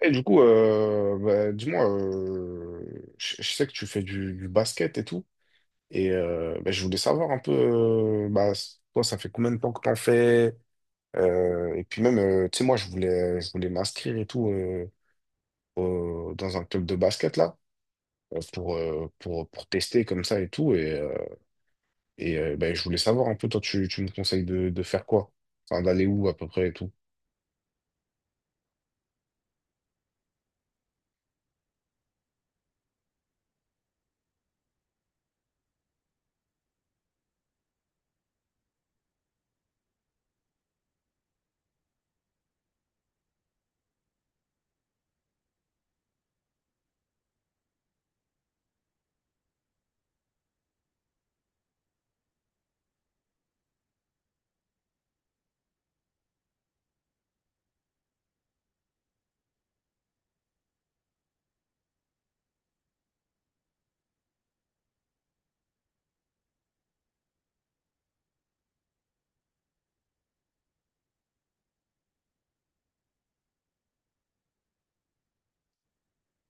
Et du coup, bah, dis-moi, je sais que tu fais du basket et tout, et bah, je voulais savoir un peu, bah, toi, ça fait combien de temps que t'en fais? Et puis même, tu sais, moi, je voulais m'inscrire et tout dans un club de basket là, pour tester comme ça et tout, et bah, je voulais savoir un peu, toi, tu me conseilles de faire quoi? Enfin, d'aller où à peu près et tout.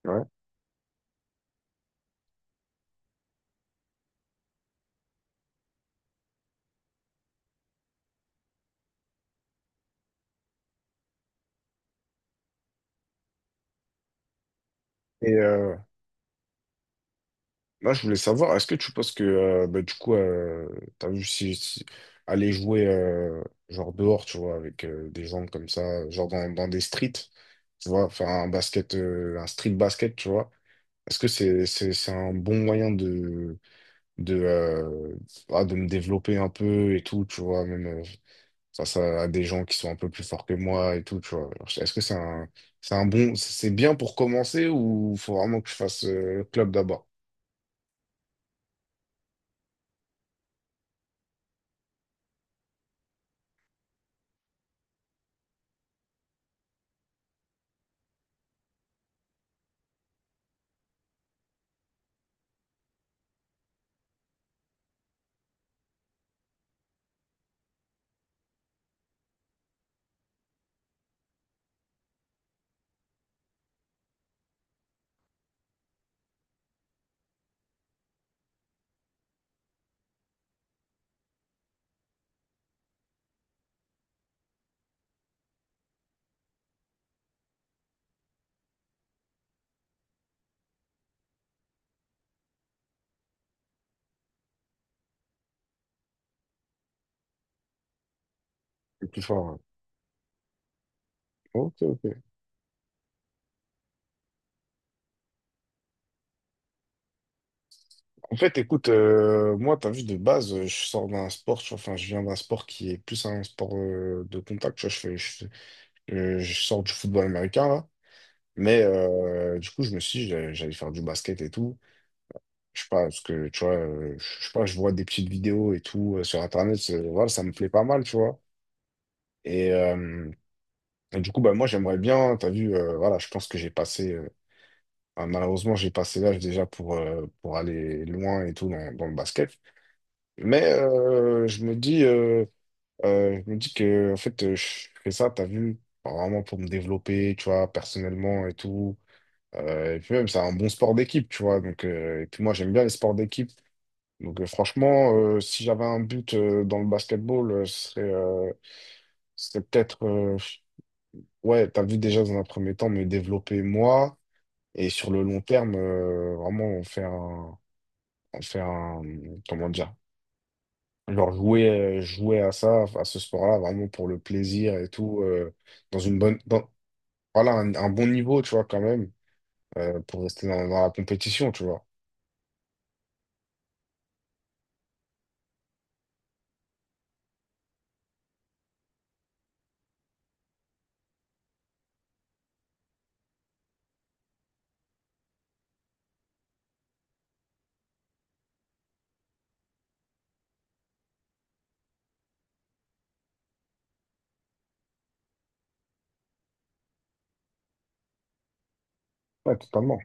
Ouais. Et, là, je voulais savoir, est-ce que tu penses que, bah, du coup, t'as vu aller jouer, genre dehors, tu vois, avec des gens comme ça, genre dans des streets, tu vois, faire un basket, un street basket, tu vois, est-ce que c'est un bon moyen de, euh, ah, de me développer un peu et tout, tu vois, même face à des gens qui sont un peu plus forts que moi et tout, tu vois. Alors, est-ce que c'est bien pour commencer ou faut vraiment que je fasse club d'abord, le plus fort? Ok, ok. En fait, écoute, moi, t'as vu, de base, je sors d'un sport, tu vois, enfin, je viens d'un sport qui est plus un sport de contact, tu vois, je sors du football américain, là, mais du coup, je me suis dit, j'allais faire du basket et tout, je sais pas, parce que, tu vois, je sais pas, je vois des petites vidéos et tout sur Internet, voilà, ça me plaît pas mal, tu vois, et, euh, et du coup, bah, moi, j'aimerais bien, t'as vu, voilà, je pense que j'ai passé, ah, malheureusement, j'ai passé l'âge déjà pour aller loin et tout dans le basket. Mais je me dis que en fait, je fais ça, t'as vu, vraiment pour me développer, tu vois, personnellement et tout. Et puis même, c'est un bon sport d'équipe, tu vois. Donc, et puis moi, j'aime bien les sports d'équipe. Donc, franchement, si j'avais un but dans le basketball, ce serait peut-être, ouais, t'as vu déjà dans un premier temps, me développer moi. Et sur le long terme, vraiment en faire un, en faire un, comment dire? Genre jouer, jouer à ça, à ce sport-là, vraiment pour le plaisir et tout, dans une bonne, dans- voilà, un bon niveau, tu vois, quand même, pour rester dans la compétition, tu vois. Ouais, totalement.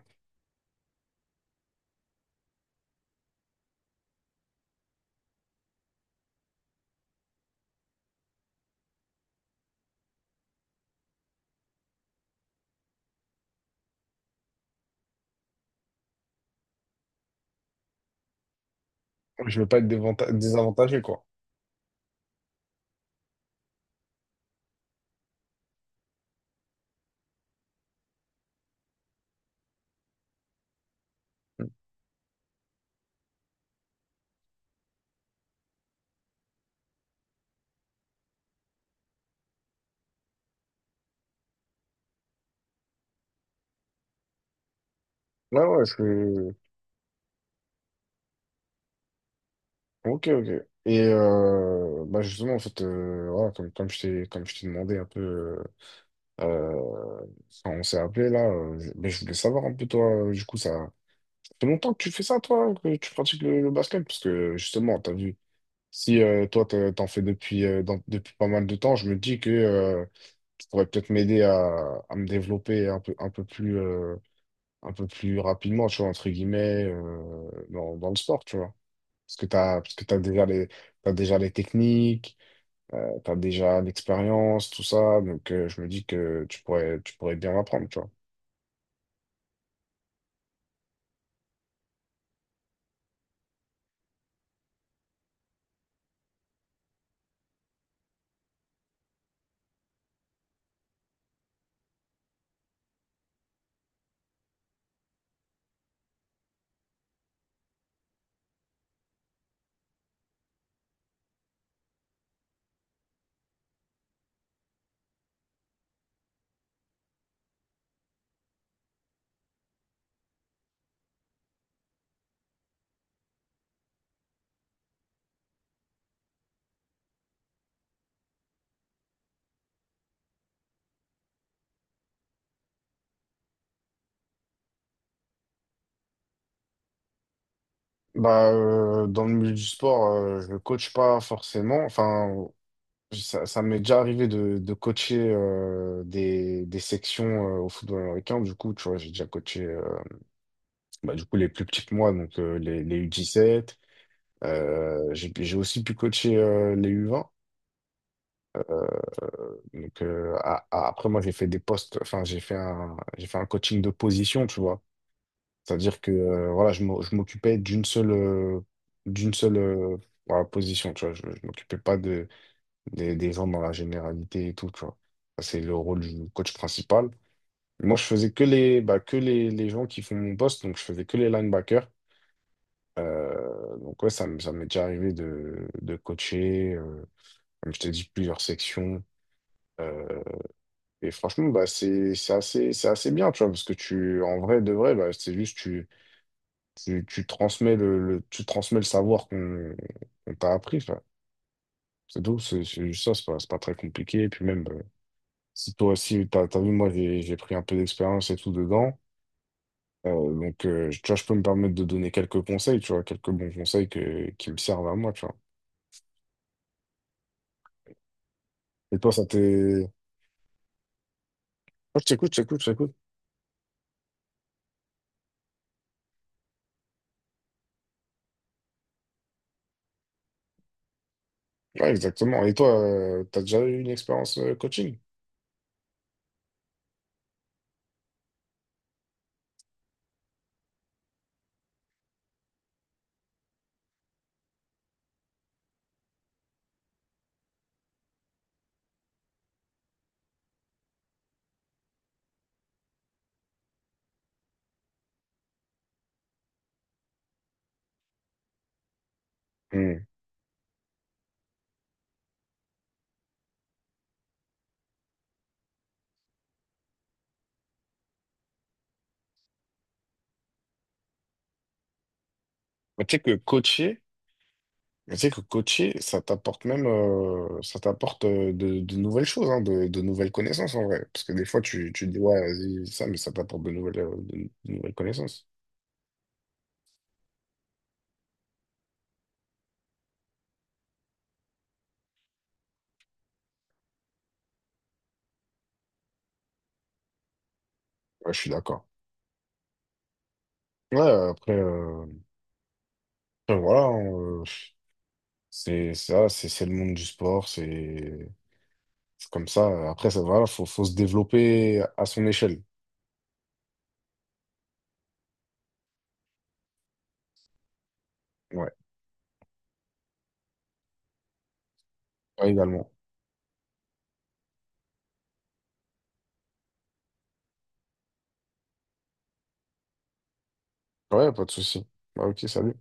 Je veux pas être désavantagé, quoi. Ouais, ouais, je Ok, ok. Et bah justement, en fait, voilà, comme je t'ai demandé un peu. Euh, enfin, on s'est appelé là. Mais je voulais savoir un peu toi, du coup, ça fait longtemps que tu fais ça, toi, que tu pratiques le basket, parce que justement, t'as vu, si toi t'en fais depuis pas mal de temps, je me dis que tu pourrais peut-être m'aider à me développer un peu plus rapidement, tu vois, entre guillemets, dans le sport, tu vois. Parce que t'as déjà les techniques, t'as déjà l'expérience, tout ça, donc je me dis que tu pourrais bien m'apprendre, tu vois. Bah, dans le milieu du sport, je ne coach pas forcément. Enfin, ça m'est déjà arrivé de coacher des sections au football américain. Du coup, tu vois, j'ai déjà coaché bah, du coup, les plus petits que moi, donc les U17. J'ai aussi pu coacher les U20. Donc, après, moi, j'ai fait des postes, enfin, j'ai fait un coaching de position, tu vois. C'est-à-dire que voilà, je m'occupais d'une seule voilà, position, tu vois. Je m'occupais pas des gens dans la généralité et tout, tu vois. Ça, c'est le rôle du coach principal. Moi, je faisais que les, bah, les gens qui font mon poste, donc je faisais que les linebackers. Donc ouais, ça m'est déjà arrivé de coacher, comme je t'ai dit, plusieurs sections. Euh, et franchement, bah, c'est assez bien, tu vois, parce que tu, en vrai, de vrai, bah, c'est juste, tu tu transmets le savoir qu'on t'a appris, tu vois. C'est tout, c'est juste ça, c'est pas très compliqué. Et puis même, bah, si toi aussi, t'as vu, moi, j'ai pris un peu d'expérience et tout dedans. Donc, tu vois, je peux me permettre de donner quelques conseils, tu vois, quelques bons conseils qui me servent à moi, tu vois. Et toi, ça t'est... Ouais, je t'écoute, je t'écoute, je t'écoute. Ouais, exactement. Et toi, t'as déjà eu une expérience coaching? Hmm. Mais Tu sais que coacher, mais tu sais que coacher, ça t'apporte de nouvelles choses, hein, de nouvelles connaissances en vrai. Parce que des fois, tu dis, ouais, vas-y, ça, mais ça t'apporte de nouvelles connaissances. Ouais, je suis d'accord. Ouais, après, voilà, hein, c'est ça, c'est le monde du sport, c'est comme ça. Après, ça, voilà, faut se développer à son échelle. Ouais, ouais, également. Ouais, pas de souci. Bah, ok, salut.